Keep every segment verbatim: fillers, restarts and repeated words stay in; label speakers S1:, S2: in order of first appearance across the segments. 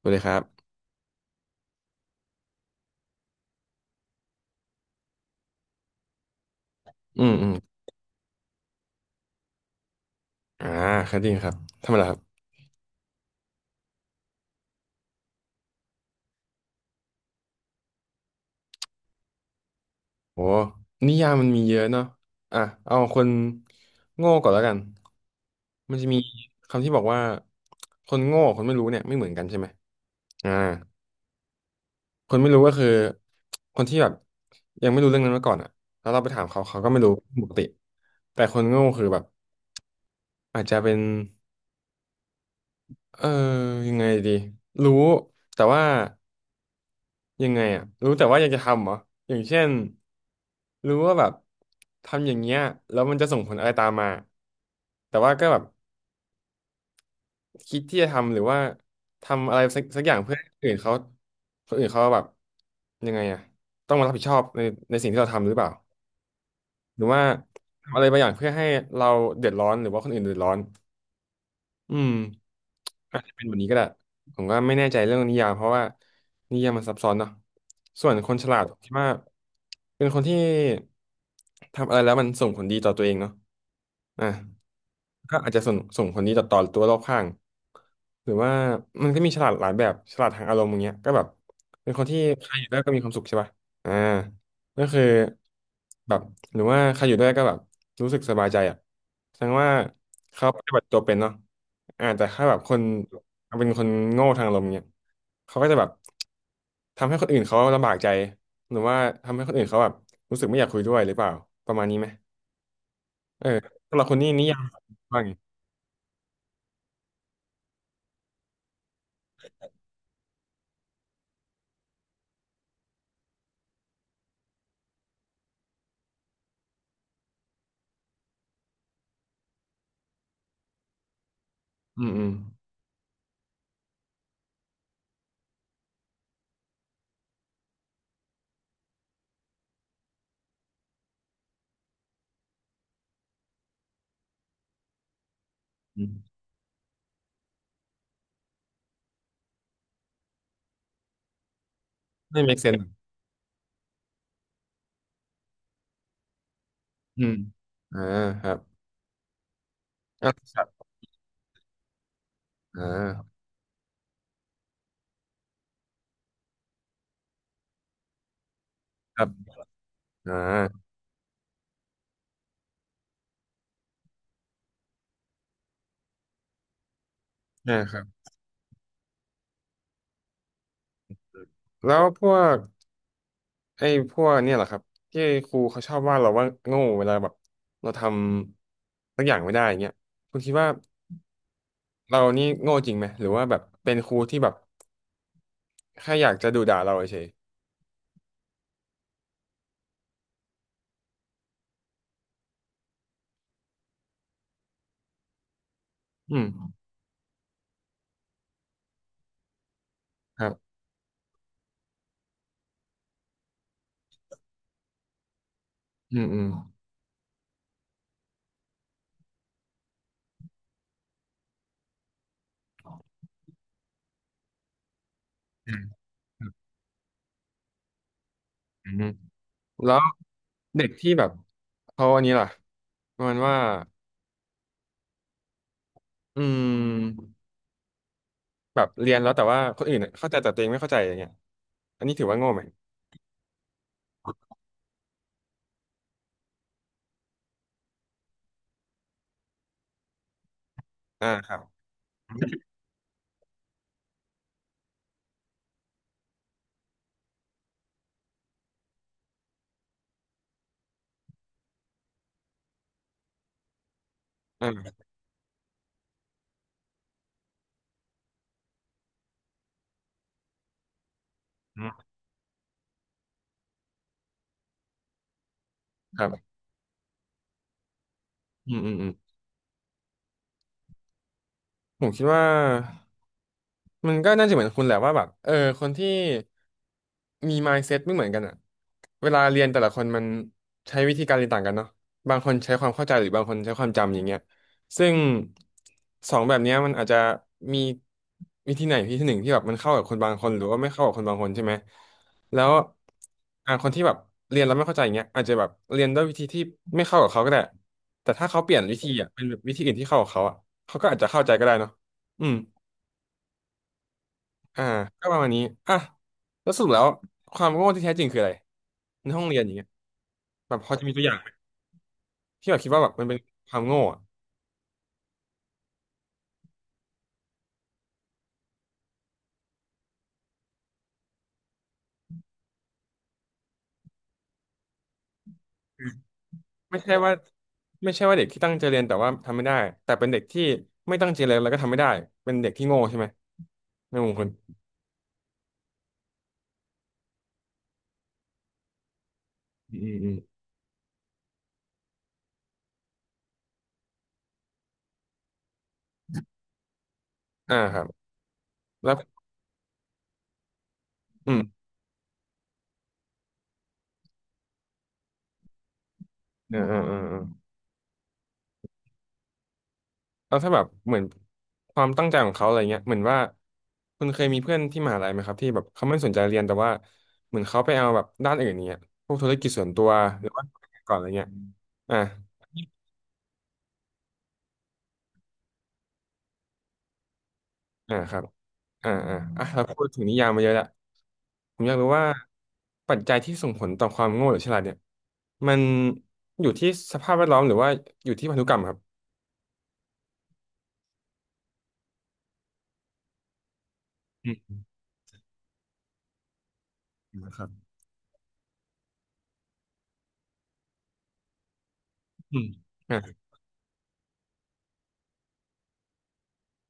S1: สวัสดีครับอืมอืมอ่าครับจริงครับทำไมล่ะครับโอ้นิยามมันมีเยอะเนาะอ่ะเอาคนโง่ก่อนแล้วกันมันจะมีคำที่บอกว่าคนโง่กับคนไม่รู้เนี่ยไม่เหมือนกันใช่ไหมอ่าคนไม่รู้ก็คือคนที่แบบยังไม่รู้เรื่องนั้นมาก่อนอ่ะแล้วเราไปถามเขาเขาก็ไม่รู้ปกติ แต่คนโง่คือแบบอาจจะเป็นเออยังไงดีรู้แต่ว่า ยังไงอ่ะรู้แต่ว่าอยากจะทำเหรออย่างเช่นรู้ว่าแบบทำอย่างเงี้ยแล้วมันจะส่งผลอะไรตามมาแต่ว่าก็แบบคิดที่จะทำหรือว่าทำอะไรสักสักอย่างเพื่อให้คนอื่นเขาคนอื่นเขาแบบยังไงอ่ะต้องมารับผิดชอบในในสิ่งที่เราทำหรือเปล่าหรือว่าทำอะไรบางอย่างเพื่อให้เราเดือดร้อนหรือว่าคนอื่นเดือดร้อน อืมอาจจะเป็นแบบนี้ก็ได้ผมก็ไม่แน่ใจเรื่องนิยามเพราะว่านิยามมันซับซ้อนเนาะส่วนคนฉลาดผมคิดว่าเป็นคนที่ทำอะไรแล้วมันส่งผลดีต่อตัวเองเนาะอ่ะ ก็อาจจะส่งส่งผลดีต่อต่อตัวรอบข้างหรือว่ามันก็มีฉลาดหลายแบบฉลาดทางอารมณ์อย่างเงี้ยก็แบบเป็นคนที่ใครอยู่ด้วยก็มีความสุขใช่ป่ะอ่าก็คือแบบหรือว่าใครอยู่ด้วยก็แบบรู้สึกสบายใจอ่ะแสดงว่าเขาปฏิบัติตัวเป็นเนาะอ่าแต่ถ้าแบบคนเป็นคนโง่ทางอารมณ์เงี้ยเขาก็จะแบบทำให้คนอื่นเขาลำบากใจหรือว่าทำให้คนอื่นเขาแบบรู้สึกไม่อยากคุยด้วยหรือเปล่าประมาณนี้ไหมเออสำหรับคนนี้นิยามว่าไง อืมอืมอืมไม่ make sense อืมอ่าครับอ่ะครับอ่าครับอ่าอ่าครับแล้วพวกไอ้พวกเนี่ยเหรอครับที่ครูเขาชอบว่าเราว่าโง่เวลาแบบเราทำสักอย่างไม่ได้อย่างเงี้ยคุณคิดว่าเรานี่โง่จริงไหมหรือว่าแบบเป็นครูที่แบบแค่อยากจะดุด่าเราเฉยๆอืมครับอืมอืมอืมครับอืมแล้วเด็กที่แบบเขาอันนี้ล่ะประมาณว่าอืม แบบเรียนแล้วแต่ว่าคนอื่นเข้าใจแต่ตัวเองไม่เข้าใจอย่างเงี้ยอันนี้ถือว่าโง่ไหมอ่าครับอ่าอืมครับอืมอืมอืมผมคิดว่า มันก็น่าจะเหมือนคุณแหละว่าแบบเออคนที่มี mindset ไม่เหมือนกันอะเวลาเรียนแต่ละคนมันใช้วิธีการเรียนต่างกันเนาะบางคนใช้ความเข้าใจหรือบางคนใช้ความจำอย่างเงี้ยซึ่งสองแบบเนี้ยมันอาจจะมีวิธีไหนวิธีหนึ่งที่แบบมันเข้ากับคนบางคนหรือว่าไม่เข้ากับคนบางคนใช่ไหมแล้วอ่าคนที่แบบเรียนแล้วไม่เข้าใจอย่างเงี้ยอาจจะแบบเรียนด้วยวิธีที่ไม่เข้ากับเขาก็ได้แต่ถ้าเขาเปลี่ยนวิธีอ่ะเป็นแบบวิธีอื่นที่เข้ากับเขาอ่ะเขาก็อาจจะเข้าใจก็ได้เนาะอืม อ่าก็ประมาณนี้อ่ะแล้วสรุปแล้วความโง่ที่แท้จริงคืออะไรในห้องเรียนอย่างเงี้ยแบบพอจะมีตัวอย่างไหมที่แบบคิดว่าแบบมันเป็นความโง่อะไม่ใช่ว่าไม่ใช่ว่าเด็กที่ตั้งใจเรียนแต่ว่าทำไม่ได้แต่เป็นเด็กที่ไม่ตั้งใจเรียนแล้วก็ทำไม่ได้เป็นเด็กที่โง่ใช่ไหมในมุมคุณอืมอืมอืมอ่าครับแล้วอืมอ่าอ่าอ่า แล้วถ้าแบบเหมือนความตั้งใจของเขาอะไรเงี้ยเหมือนว่าคุณเคยมีเพื่อนที่มหาลัยไหมครับที่แบบเขาไม่สนใจเรียนแต่ว่าเหมือนเขาไปเอาแบบด้านอื่นเนี้ยพวกธุรกิจส่วนตัวหรือว่าก่อนอะไรเงี้ยอ่าอ่าครับอ่าอ่าอ่ะเราพูดถึงนิยามมาเยอะแลวผมอยากรู้ว่าปัจจัยที่ส่งผลต่อความโง่หรือฉลาดเนี่ยมันอยู่ที่สภาพแวดล้อมหรือว่าอยู่ที่พันธุกรรมครับอืมครับอืมอ่า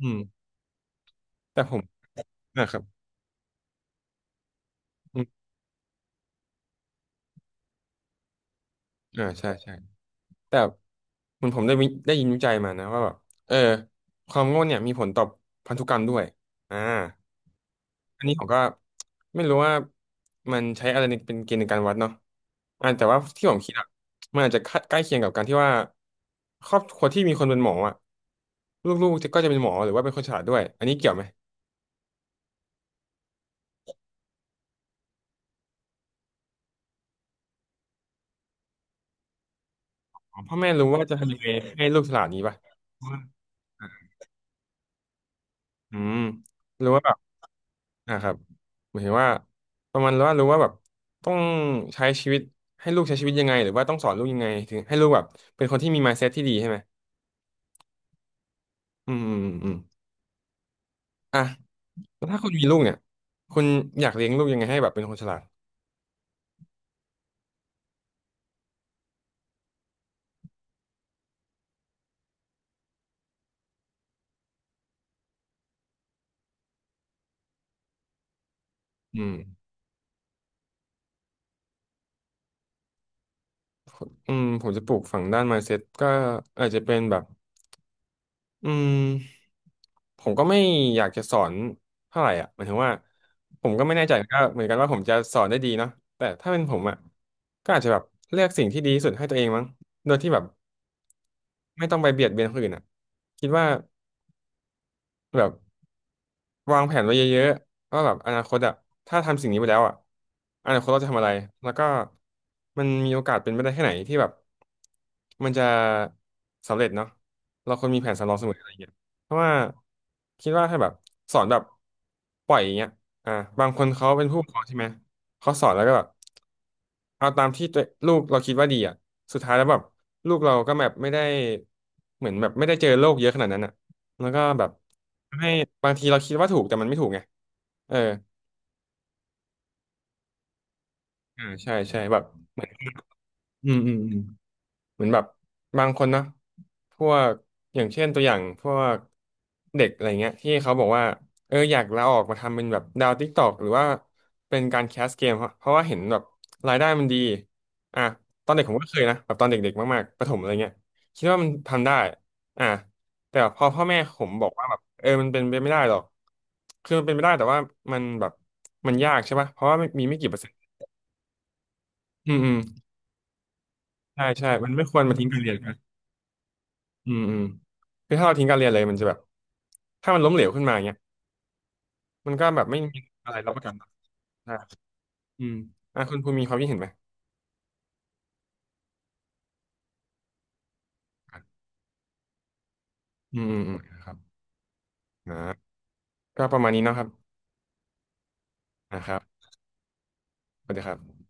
S1: อืมแต่ผมอ่าครับอืมอ่าใช่ใช่ แต่เหมือนผมได้วิได้ยินวิจัยมานะว่าแบบเออความโง่เนี่ยมีผลต่อพันธุกรรมด้วยอ่าอันนี้ผมก็ไม่รู้ว่ามันใช้อะไรในเป็นเกณฑ์ในการวัดเนาะอ่าแต่ว่าที่ผมคิดอะมันอาจจะใกล้เคียงกับการที่ว่าครอบครัวที่มีคนเป็นหมออะลูกๆจะก็จะเป็นหมอหรือว่าเป็นคนฉลาดด้วยอันนี้เกี่ยวไหมอ๋อพ่อแม่รู้ว่าจะทำยังไงให้ลูกฉลาดนี้ป่ะอืมหรือว่าแบบ อ่ะครับหมายถึงว่าประมาณว่ารู้ว่าแบบต้องใช้ชีวิตให้ลูกใช้ชีวิตยังไงหรือว่าต้องสอนลูกยังไงถึงให้ลูกแบบเป็นคนที่มี mindset ที่ดีใช่ไหมอืมอืมอืมอืมอ่ะแล้วถ้าคุณมีลูกเนี่ยคุณอยากเลี้ยงลูกยังไงให้แบบเป็นคนฉลาดอืมอืมผมจะปลูกฝังด้าน mindset ก็อาจจะเป็นแบบ อืมผมก็ไม่อยากจะสอนเท่าไหร่อ่ะหมายถึงว่าผมก็ไม่แน่ใจก็เหมือนกันว่าผมจะสอนได้ดีเนาะแต่ถ้าเป็นผมอ่ะก็อาจจะแบบเลือกสิ่งที่ดีที่สุดให้ตัวเองมั้งโดยที่แบบไม่ต้องไปเบียดเบียนคนอื่นอ่ะคิดว่าแบบ วางแผนไว้เยอะๆว่าแบบอนาคตอะถ้าทำสิ่งนี้ไปแล้วอะอนาคตเราจะทำอะไร แล้วก็มันมีโอกาสเป็นไปได้แค่ไหนที่แบบมันจะสำเร็จเนาะเราควรมีแผนสำรองเสมออะไรอย่างเงี้ยเพราะว่าคิดว่าถ้าแบบสอนแบบปล่อยอย่างเงี้ยอ่าบางคนเขาเป็นผู้ปกครองใช่ไหมเขาสอนแล้วก็แบบเอาตามที่ตัวลูกเราคิดว่าดีอ่ะสุดท้ายแล้วแบบลูกเราก็แบบไม่ได้เหมือนแบบไม่ได้เจอโลกเยอะขนาดนั้นอ่ะ แล้วก็แบบทำให้บางทีเราคิดว่าถูกแต่มันไม่ถูกไงเอออ่าใช่ใช่แบบเหมือนอืมอืมอืม เหมือนแบบบางคนนะพวกอย่างเช่นตัวอย่างพวกเด็กอะไรเงี้ยที่เขาบอกว่าเอออยากลาออกมาทำเป็นแบบดาวติ๊กตอกหรือว่าเป็นการแคสเกมเพราะเพราะว่าเห็นแบบรายได้มันดีอ่ะตอนเด็กผมก็เคยนะแบบตอนเด็กๆมากๆประถมอะไรเงี้ยคิดว่ามันทำได้อ่ะแต่พอพ่อแม่ผมบอกว่าแบบเออมันเป็นไปไม่ได้หรอกคือมันเป็นไปได้แต่ว่ามันแบบมันยากใช่ปะเพราะว่ามีไม่กี่เปอร์เซ็นต์อืมอืมใช่ใช่มันไม่ควรมาทิ้งการเรียนกัน อืมอืมคือถ้าเราทิ้งการเรียนเลยมันจะแบบถ้ามันล้มเหลวขึ้นมาเงี้ยมันก็แบบไม่มีอะไรรับประกันนะอืมอ่ะคุณภูมิมีความคิดเห็นไหมอืมอืมอืมครับนะก็ประมาณนี้เนาะครับนะครับสวัสดีครับ